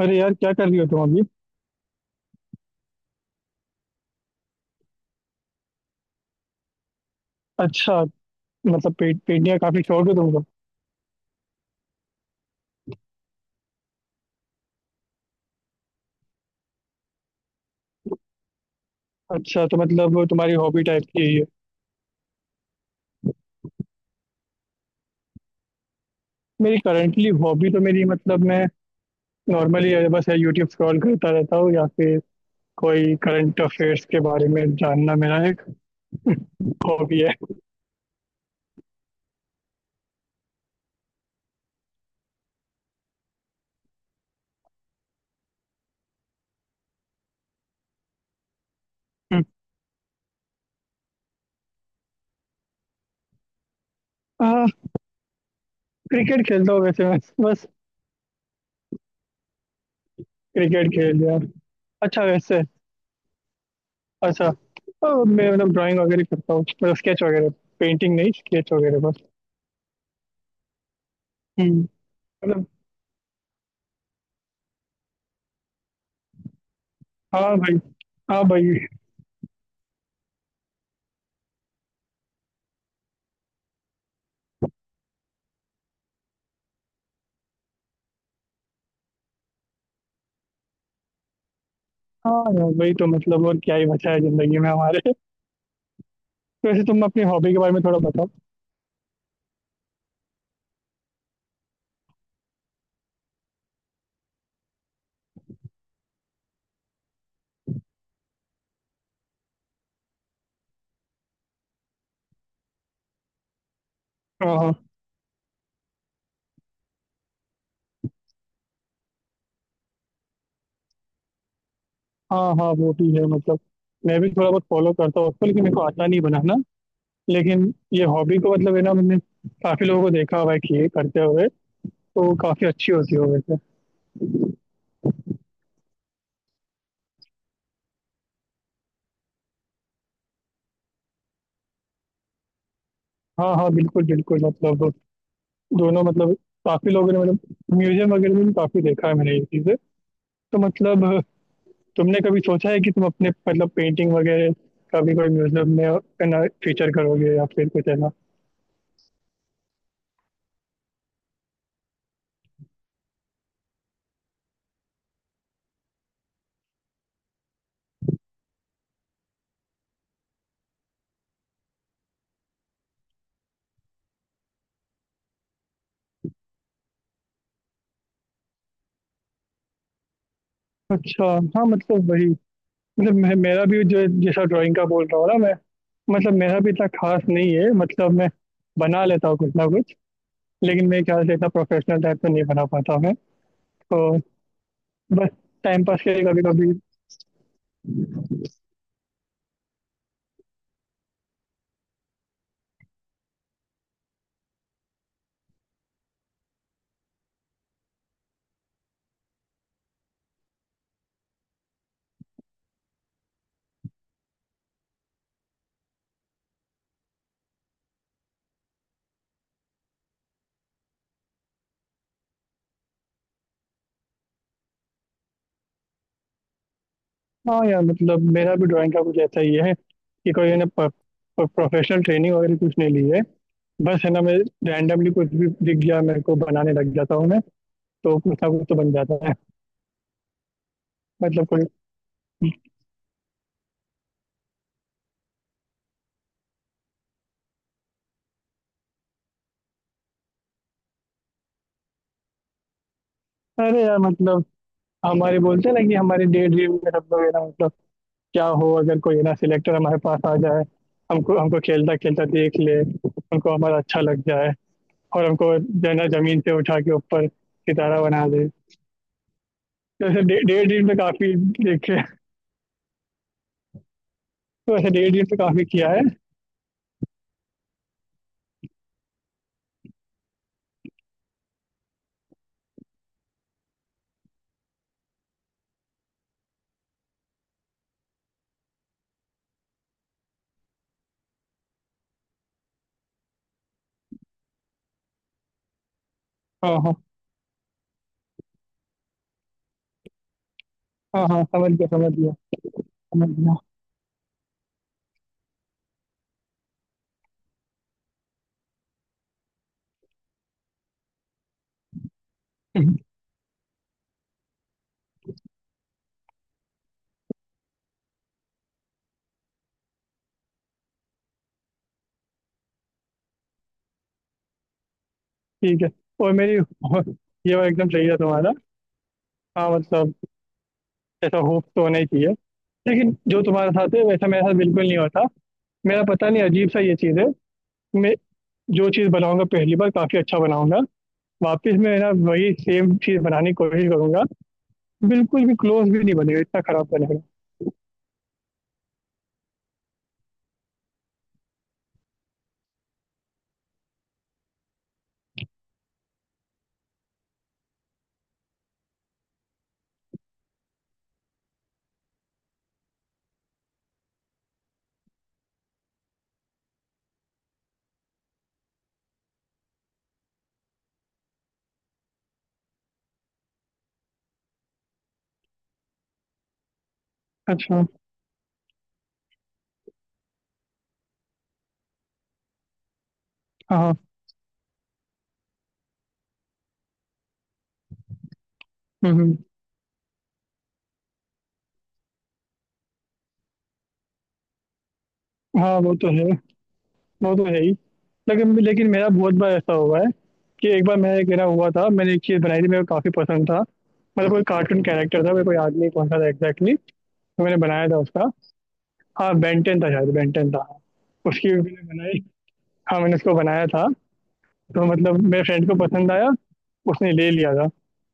अरे यार, क्या कर रही हो तुम अभी? अच्छा। मतलब पेंटिंग का काफी शौक है तुमको। अच्छा तो मतलब वो तुम्हारी हॉबी टाइप की यही है। मेरी करंटली हॉबी तो मेरी, मतलब, मैं नॉर्मली बस यूट्यूब स्क्रॉल करता रहता हूँ, या फिर कोई करंट अफेयर्स के बारे में जानना मेरा एक हॉबी है। हाँ। क्रिकेट खेलता हूँ वैसे मैं, बस। क्रिकेट खेल लिया। अच्छा वैसे। अच्छा। तो मैं, मतलब, ड्राइंग वगैरह करता हूँ, मतलब स्केच वगैरह। पेंटिंग नहीं, स्केच वगैरह, बस। हम्म, मतलब। हाँ भाई। हाँ भाई। हाँ यार, वही तो, मतलब, और क्या ही बचा है जिंदगी में हमारे। वैसे तुम अपनी हॉबी के बारे में थोड़ा बताओ। हाँ, हाँ। हाँ, हाँ, वो भी है मतलब। मैं भी थोड़ा बहुत फॉलो करता हूँ उसको, लेकिन मेरे को आता नहीं बनाना। लेकिन ये हॉबी को, मतलब, है ना, मैंने काफी लोगों को देखा हुआ है कि ये करते हुए। तो काफी अच्छी होती है वैसे। हाँ, हाँ, बिल्कुल बिल्कुल, मतलब। दोनों, मतलब। काफी लोगों ने, मतलब, म्यूजियम वगैरह में भी काफी देखा है मैंने ये चीजें। तो मतलब। तुमने कभी सोचा है कि तुम अपने, मतलब, पेंटिंग वगैरह कभी कोई म्यूजियम में, है ना, फीचर करोगे, या फिर कुछ, है ना? अच्छा। हाँ मतलब वही। मतलब मैं मेरा भी जो जैसा ड्राइंग का बोल रहा हूँ ना मैं। मतलब मेरा भी इतना खास नहीं है, मतलब मैं। बना लेता हूँ कुछ ना कुछ। लेकिन मेरे ख्याल से इतना प्रोफेशनल टाइप में नहीं बना पाता मैं। तो। बस। टाइम पास के लिए कभी कभी। हाँ यार, मतलब मेरा भी ड्राइंग का कुछ ऐसा ही है कि कोई ने प्रोफेशनल ट्रेनिंग वगैरह कुछ नहीं ली है। बस है ना मैं। रैंडमली कुछ भी दिख गया मेरे को, बनाने लग जाता हूँ मैं। तो कुछ ना कुछ तो बन जाता है। मतलब कोई। अरे यार मतलब। हमारे बोलते हैं ना कि हमारे डे ड्रीम में हम लोग, है ना मतलब। क्या हो अगर कोई है ना सिलेक्टर हमारे पास आ जाए। हमको हमको खेलता खेलता देख ले, हमको हमारा अच्छा लग जाए। और हमको जो है ना जमीन से उठा के ऊपर सितारा बना दे। तो ऐसे डे डे ड्रीम में काफी। देखे। तो ऐसे डे ड्रीम पे काफी किया है। हाँ, हाँ, हाँ, हाँ, समझ गया, समझ गया, समझ गया। ठीक है। और मेरी ये वाला एकदम सही है तुम्हारा। हाँ मतलब। ऐसा होप तो होना ही चाहिए। लेकिन जो तुम्हारे साथ है वैसा मेरे साथ बिल्कुल नहीं होता। मेरा पता नहीं, अजीब सा ये चीज़ है। मैं। जो चीज़ बनाऊँगा पहली बार काफ़ी अच्छा बनाऊँगा, वापस मैं ना वही सेम चीज़ बनाने की कोशिश करूँगा, बिल्कुल भी क्लोज़ भी नहीं बनेगा, इतना खराब बनेगा। अच्छा, हाँ, हाँ। हुँ, हुँ। हाँ, वो तो है ही। लेकिन लेकिन मेरा बहुत बार ऐसा हुआ है। कि एक बार मैं मेरा हुआ था, मैंने एक चीज़ बनाई थी, मेरे को काफ़ी पसंद था। मतलब कोई कार्टून कैरेक्टर था, मेरे को याद नहीं कौन-सा था एग्ज़ैक्टली, तो मैंने बनाया था उसका। हाँ, बेन 10 था शायद, बेन 10 था। उसकी भी मैंने बनाई। हाँ, मैंने उसको बनाया था। तो मतलब मेरे फ्रेंड को पसंद आया। उसने ले लिया था।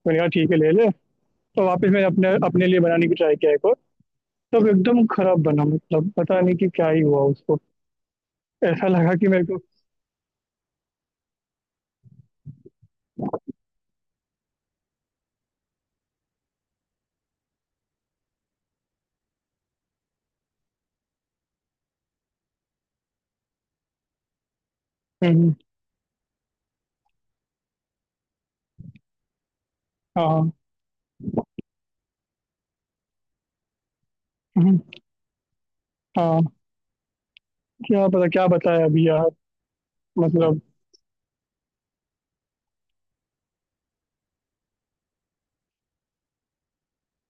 मैंने कहा ठीक है, ले ले। तो वापस मैंने अपने अपने लिए बनाने की ट्राई किया, एक और। तब एकदम खराब बना, मतलब पता नहीं कि क्या ही हुआ उसको। ऐसा लगा कि मेरे को। हम्म, हाँ। हम्म, हाँ। क्या पता क्या बताया अभी यार। मतलब।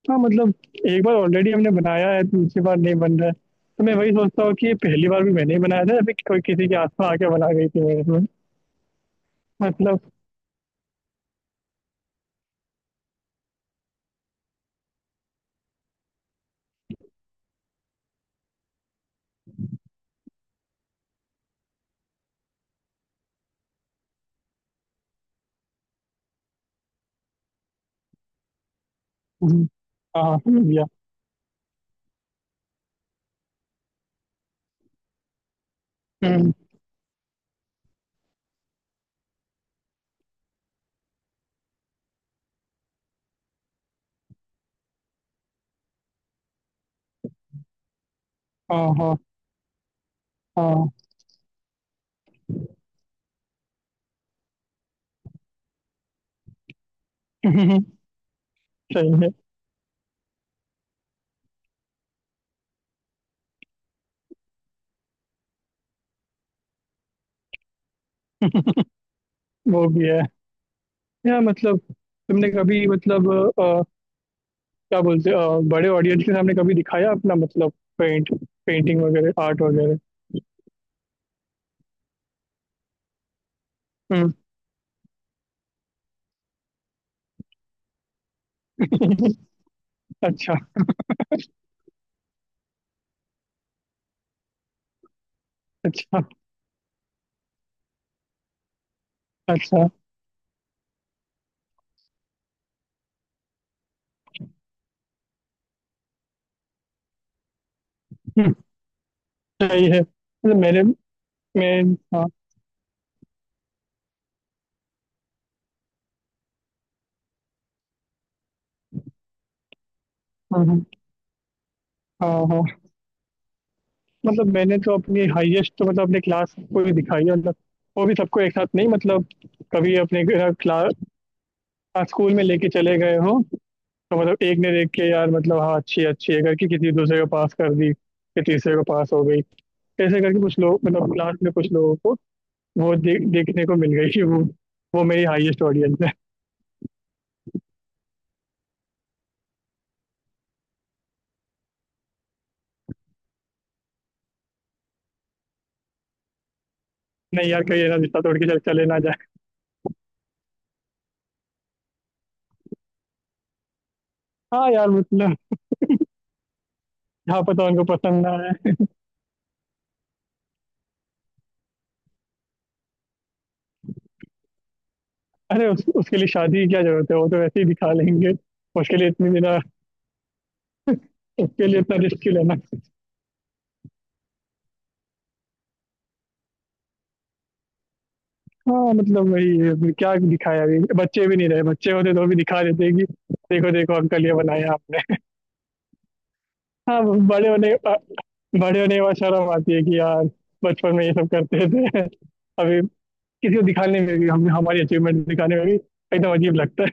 हाँ मतलब। एक बार ऑलरेडी हमने बनाया है, दूसरी बार नहीं बन रहा है। तो मैं वही सोचता हूँ कि ये पहली बार भी मैंने ही बनाया था या फिर कोई किसी के आसपास आके बना गई थी मेरे में। मतलब। हम्म, हाँ समझ गया। हम्म, हाँ, हाँ, हाँ। सही है। वो भी है। या मतलब। तुमने कभी मतलब। अ, क्या बोलते हैं, बड़े ऑडियंस के सामने कभी दिखाया अपना मतलब। पेंट पेंटिंग वगैरह, आर्ट वगैरह। हम्म। अच्छा, अच्छा, अच्छा। हम्म, सही है मतलब मैंने। मैं। हाँ। हाँ, हाँ, हाँ, हाँ। मतलब मैंने तो अपनी हाईएस्ट तो, मतलब, अपने क्लास को ही दिखाई है, मतलब। वो भी सबको एक साथ नहीं, मतलब। कभी अपने। क्लास स्कूल में लेके चले गए हो। तो मतलब एक ने देख के, यार मतलब, हाँ अच्छी है करके किसी दूसरे को पास कर दी, कि तीसरे को पास हो गई। ऐसे करके कुछ लोग, मतलब क्लास में कुछ लोगों को। वो देखने को मिल गई कि वो। वो मेरी हाईएस्ट ऑडियंस है। नहीं यार, कहीं ये ना रिश्ता तोड़ के चल चले ना जाए। हाँ यार मतलब। जहाँ पता उनको पसंद ना आए। अरे उसके लिए शादी की क्या जरूरत है, वो तो वैसे ही दिखा लेंगे। उसके लिए इतनी बिना। उसके लिए इतना रिस्क क्यों लेना? हाँ मतलब वही है, अभी क्या दिखाया, अभी बच्चे भी नहीं रहे, बच्चे होते तो भी दिखा देते कि। देखो देखो अंकल, ये बनाया आपने। हाँ, वो बड़े होने के बाद शर्म आती है कि यार। बचपन में ये सब करते थे। अभी। किसी को दिखाने में भी हम हमारी अचीवमेंट दिखाने में भी एकदम अजीब लगता।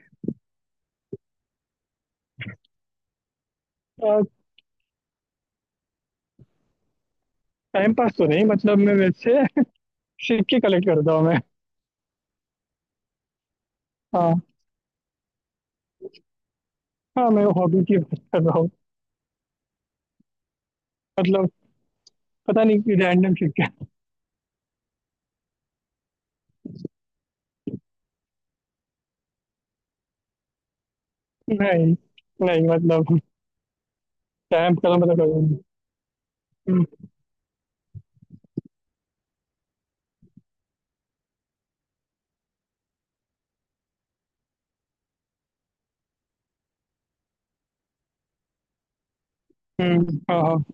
है। टाइम पास तो नहीं, मतलब मैं वैसे। सिक्के कलेक्ट करता हूँ मैं। हाँ, हाँ, मैं हॉबी की बात कर रहा हूँ मतलब। पता नहीं, रैंडम सिक्के नहीं। नहीं मतलब। स्टैम्प कलम मतलब करूँगी। हम्म, हाँ, हाँ।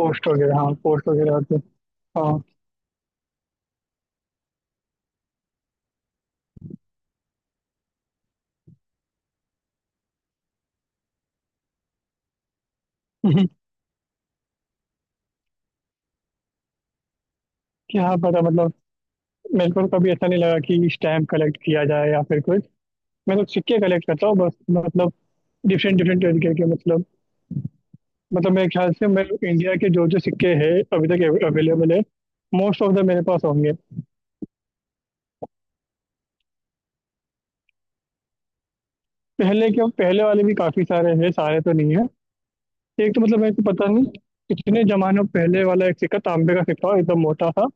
पोस्ट वगैरह, हाँ, पोस्ट वगैरह होते। हाँ क्या पता मतलब। मेरे को कभी ऐसा नहीं लगा कि स्टैम्प कलेक्ट किया जाए, या फिर कुछ। मैं तो सिक्के कलेक्ट करता हूँ बस, मतलब। डिफरेंट डिफरेंट तरीके के मतलब। मतलब मेरे ख्याल से मैं इंडिया के जो जो सिक्के हैं, अभी तक अवेलेबल है, मोस्ट ऑफ द मेरे पास होंगे। पहले के, पहले वाले भी काफी सारे हैं, सारे तो नहीं है। एक तो, मतलब मेरे को पता नहीं, कितने जमानों पहले वाला एक सिक्का, तांबे का सिक्का, एकदम मोटा था।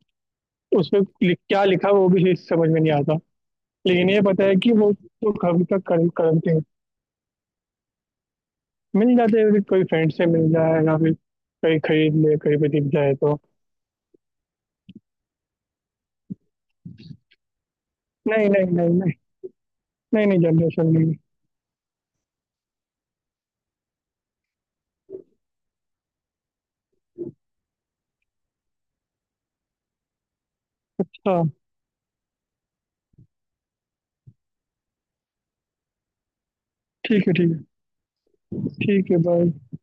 उसमें क्या लिखा वो भी चीज़ समझ में नहीं आता। लेकिन ये पता है कि वो तो कभी तक करते हैं। मिल जाते हैं, कोई फ्रेंड से मिल जाए या फिर, कहीं खरीद ले, कहीं पे दिख जाए तो। नहीं, नहीं, नहीं, नहीं। नहीं, नहीं, जनरेशन नहीं। हाँ। ठीक है, ठीक है। ठीक है, बाय।